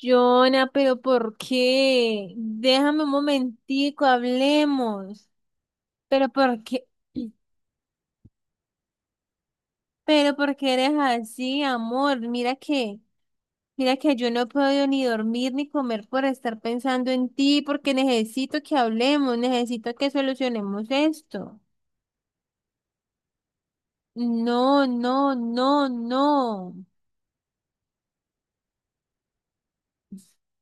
Jonah, pero ¿por qué? Déjame un momentico, hablemos. Pero ¿por qué? Pero ¿por qué eres así, amor? Mira que yo no puedo ni dormir ni comer por estar pensando en ti, porque necesito que hablemos, necesito que solucionemos esto. No, no, no, no.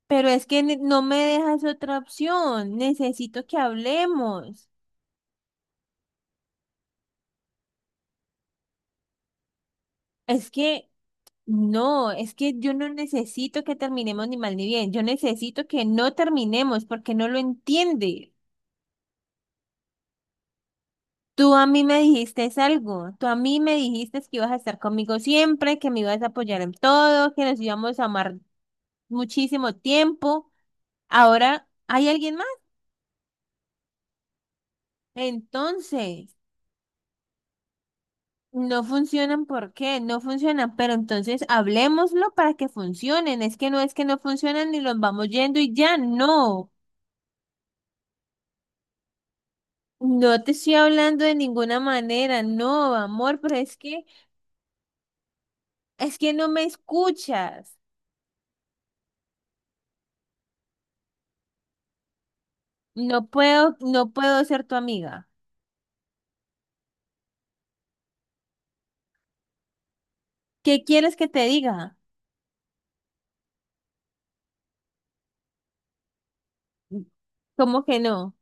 Pero es que no me dejas otra opción. Necesito que hablemos. Es que no, es que yo no necesito que terminemos ni mal ni bien, yo necesito que no terminemos porque no lo entiende. Tú a mí me dijiste algo, tú a mí me dijiste que ibas a estar conmigo siempre, que me ibas a apoyar en todo, que nos íbamos a amar muchísimo tiempo. Ahora hay alguien más. Entonces, no funcionan, ¿por qué? No funcionan, pero entonces hablemoslo para que funcionen. Es que no funcionan y los vamos yendo y ya, no. No te estoy hablando de ninguna manera, no, amor, pero es que no me escuchas. No puedo, no puedo ser tu amiga. ¿Qué quieres que te diga? ¿Cómo que no?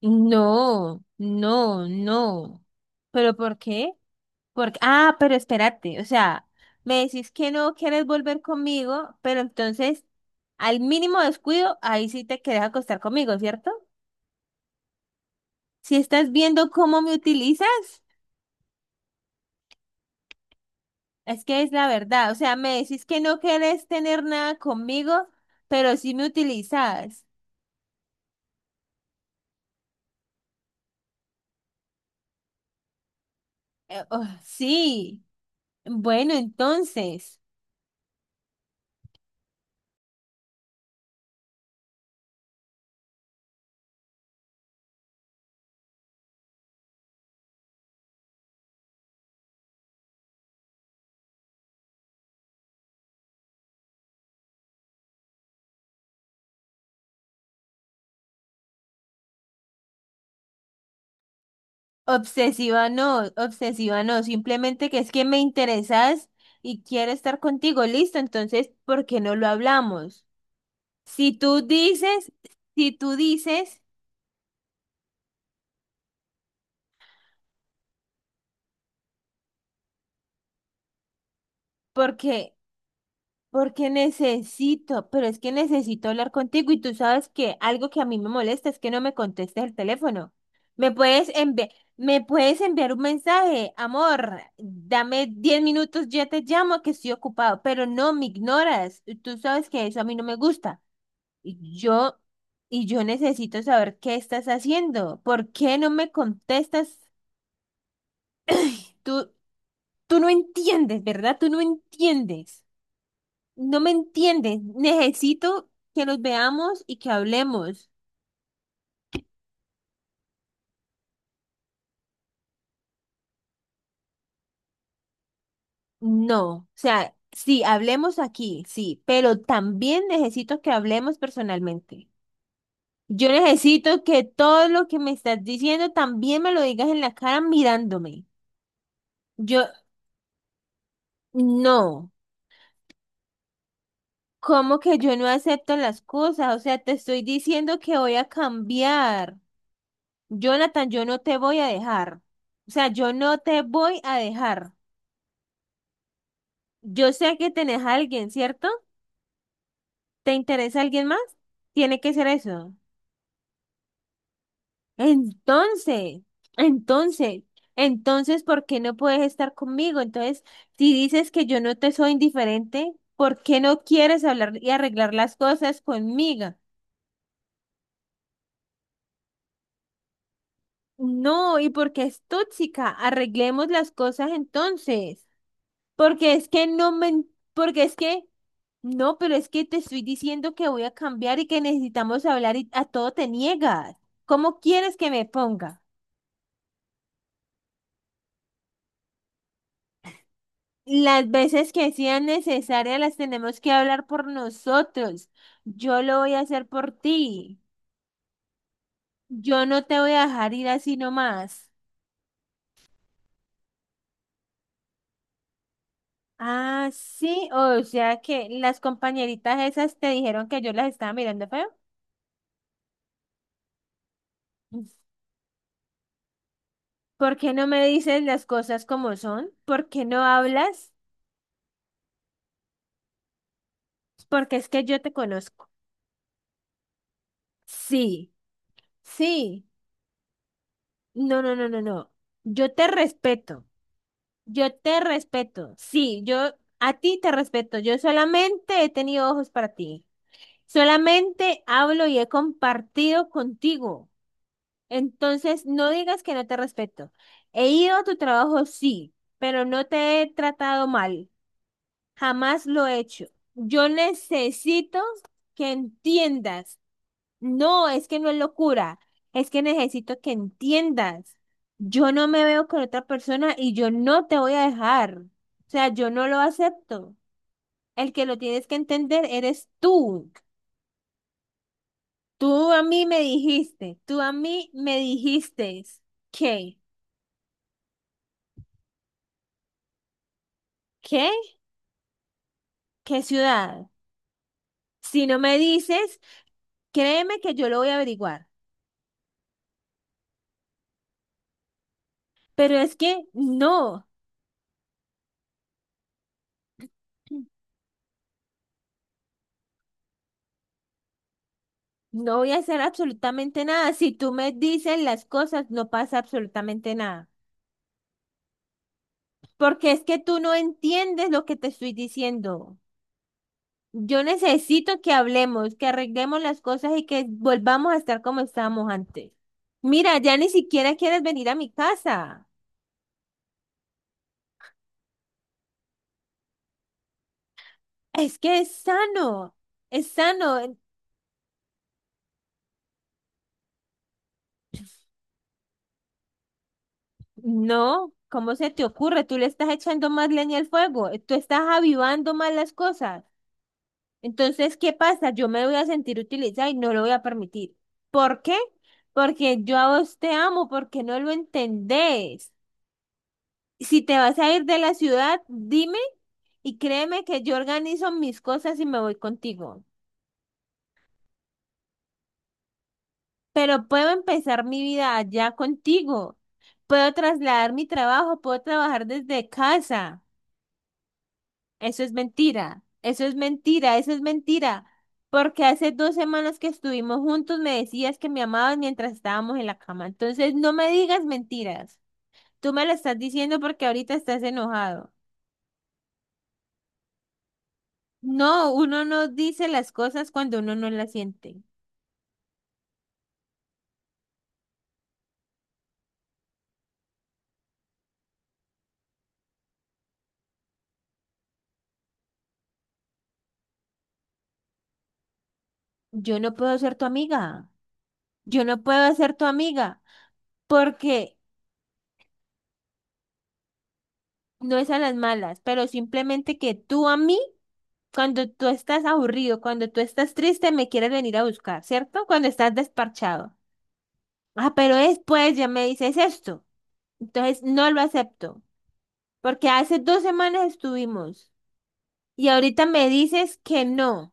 No, no, no. ¿Pero por qué? Porque, ah, pero espérate, o sea, me decís que no quieres volver conmigo, pero entonces, al mínimo descuido, ahí sí te querés acostar conmigo, ¿cierto? Si estás viendo cómo me utilizas. Es que es la verdad, o sea, me decís que no querés tener nada conmigo, pero sí me utilizás. Oh, sí, bueno, entonces, obsesiva no, simplemente que es que me interesás y quiero estar contigo, listo, entonces, ¿por qué no lo hablamos? Si tú dices, si tú dices, porque porque necesito, pero es que necesito hablar contigo y tú sabes que algo que a mí me molesta es que no me contestes el teléfono. Me puedes enviar, Me puedes enviar un mensaje, amor, dame 10 minutos, ya te llamo que estoy ocupado, pero no me ignoras. Y tú sabes que eso a mí no me gusta. Y yo, y yo necesito saber qué estás haciendo. ¿Por qué no me contestas? Tú, tú no entiendes, ¿verdad? Tú no entiendes. No me entienden. Necesito que nos veamos y que hablemos. No, o sea, sí, hablemos aquí, sí, pero también necesito que hablemos personalmente. Yo necesito que todo lo que me estás diciendo también me lo digas en la cara mirándome. Yo, no, ¿cómo que yo no acepto las cosas? O sea, te estoy diciendo que voy a cambiar. Jonathan, yo no te voy a dejar. O sea, yo no te voy a dejar. Yo sé que tenés a alguien, ¿cierto? ¿Te interesa alguien más? Tiene que ser eso. Entonces, entonces, entonces, ¿por qué no puedes estar conmigo? Entonces, si dices que yo no te soy indiferente, ¿por qué no quieres hablar y arreglar las cosas conmigo? No, y porque es tóxica, arreglemos las cosas entonces. Porque es que no me, porque es que, no, pero es que te estoy diciendo que voy a cambiar y que necesitamos hablar y a todo te niegas. ¿Cómo quieres que me ponga? Las veces que sean necesarias las tenemos que hablar por nosotros. Yo lo voy a hacer por ti. Yo no te voy a dejar ir así nomás. Ah, sí, o sea que las compañeritas esas te dijeron que yo las estaba mirando feo. ¿Por qué no me dices las cosas como son? ¿Por qué no hablas? Porque es que yo te conozco. Sí, sí. No, no, no, no, no. Yo te respeto. Yo te respeto. Sí, yo a ti te respeto. Yo solamente he tenido ojos para ti. Solamente hablo y he compartido contigo. Entonces, no digas que no te respeto. He ido a tu trabajo, sí, pero no te he tratado mal. Jamás lo he hecho. Yo necesito que entiendas. No, es que no es locura, es que necesito que entiendas. Yo no me veo con otra persona y yo no te voy a dejar. O sea, yo no lo acepto. El que lo tienes que entender eres tú. Tú a mí me dijiste, Tú a mí me dijiste, ¿qué? ¿Qué? ¿Qué ciudad? Si no me dices, créeme que yo lo voy a averiguar. Pero es que no. No voy a hacer absolutamente nada. Si tú me dices las cosas, no pasa absolutamente nada. Porque es que tú no entiendes lo que te estoy diciendo. Yo necesito que hablemos, que arreglemos las cosas y que volvamos a estar como estábamos antes. Mira, ya ni siquiera quieres venir a mi casa. Es que es sano, es sano. No, ¿cómo se te ocurre? Tú le estás echando más leña al fuego, tú estás avivando más las cosas. Entonces, ¿qué pasa? Yo me voy a sentir utilizada y no lo voy a permitir. ¿Por qué? Porque yo a vos te amo, porque no lo entendés. Si te vas a ir de la ciudad, dime y créeme que yo organizo mis cosas y me voy contigo. Pero puedo empezar mi vida allá contigo. Puedo trasladar mi trabajo, puedo trabajar desde casa. Eso es mentira, eso es mentira, eso es mentira. Porque hace 2 semanas que estuvimos juntos me decías que me amabas mientras estábamos en la cama. Entonces no me digas mentiras. Tú me lo estás diciendo porque ahorita estás enojado. No, uno no dice las cosas cuando uno no las siente. Yo no puedo ser tu amiga. Yo no puedo ser tu amiga porque no es a las malas, pero simplemente que tú a mí, cuando tú estás aburrido, cuando tú estás triste, me quieres venir a buscar, ¿cierto? Cuando estás desparchado. Ah, pero después ya me dices esto. Entonces no lo acepto porque hace 2 semanas estuvimos y ahorita me dices que no.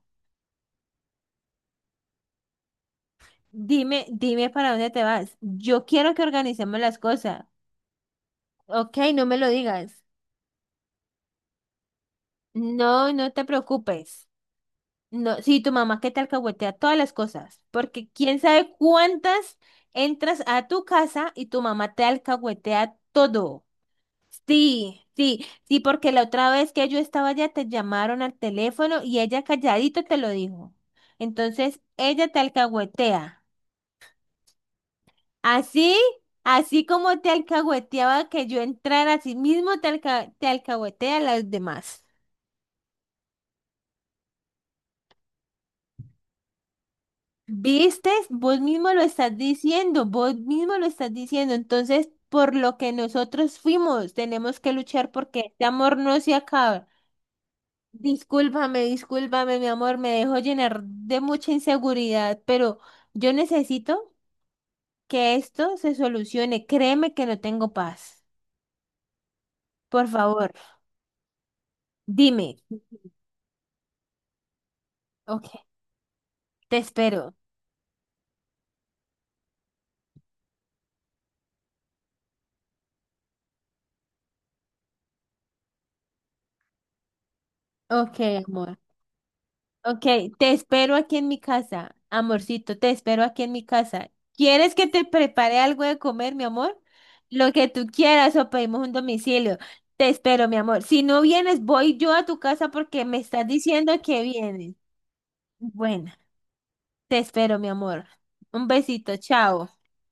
Dime, dime para dónde te vas. Yo quiero que organicemos las cosas. Ok, no me lo digas. No, no te preocupes. No, sí, tu mamá que te alcahuetea todas las cosas, porque quién sabe cuántas entras a tu casa y tu mamá te alcahuetea todo. Sí, sí, sí, porque la otra vez que yo estaba allá te llamaron al teléfono y ella calladito te lo dijo. Entonces, ella te alcahuetea. Así, así como te alcahueteaba que yo entrara, así mismo te alcahuetea a las demás. ¿Viste? Vos mismo lo estás diciendo, vos mismo lo estás diciendo. Entonces, por lo que nosotros fuimos, tenemos que luchar porque este amor no se acaba. Discúlpame, discúlpame, mi amor, me dejo llenar de mucha inseguridad, pero yo necesito que esto se solucione. Créeme que no tengo paz. Por favor, dime. Ok, te espero. Ok, amor. Ok, te espero aquí en mi casa, amorcito, te espero aquí en mi casa. ¿Quieres que te prepare algo de comer, mi amor? Lo que tú quieras o pedimos un domicilio. Te espero, mi amor. Si no vienes, voy yo a tu casa porque me estás diciendo que vienes. Bueno, te espero, mi amor. Un besito, chao.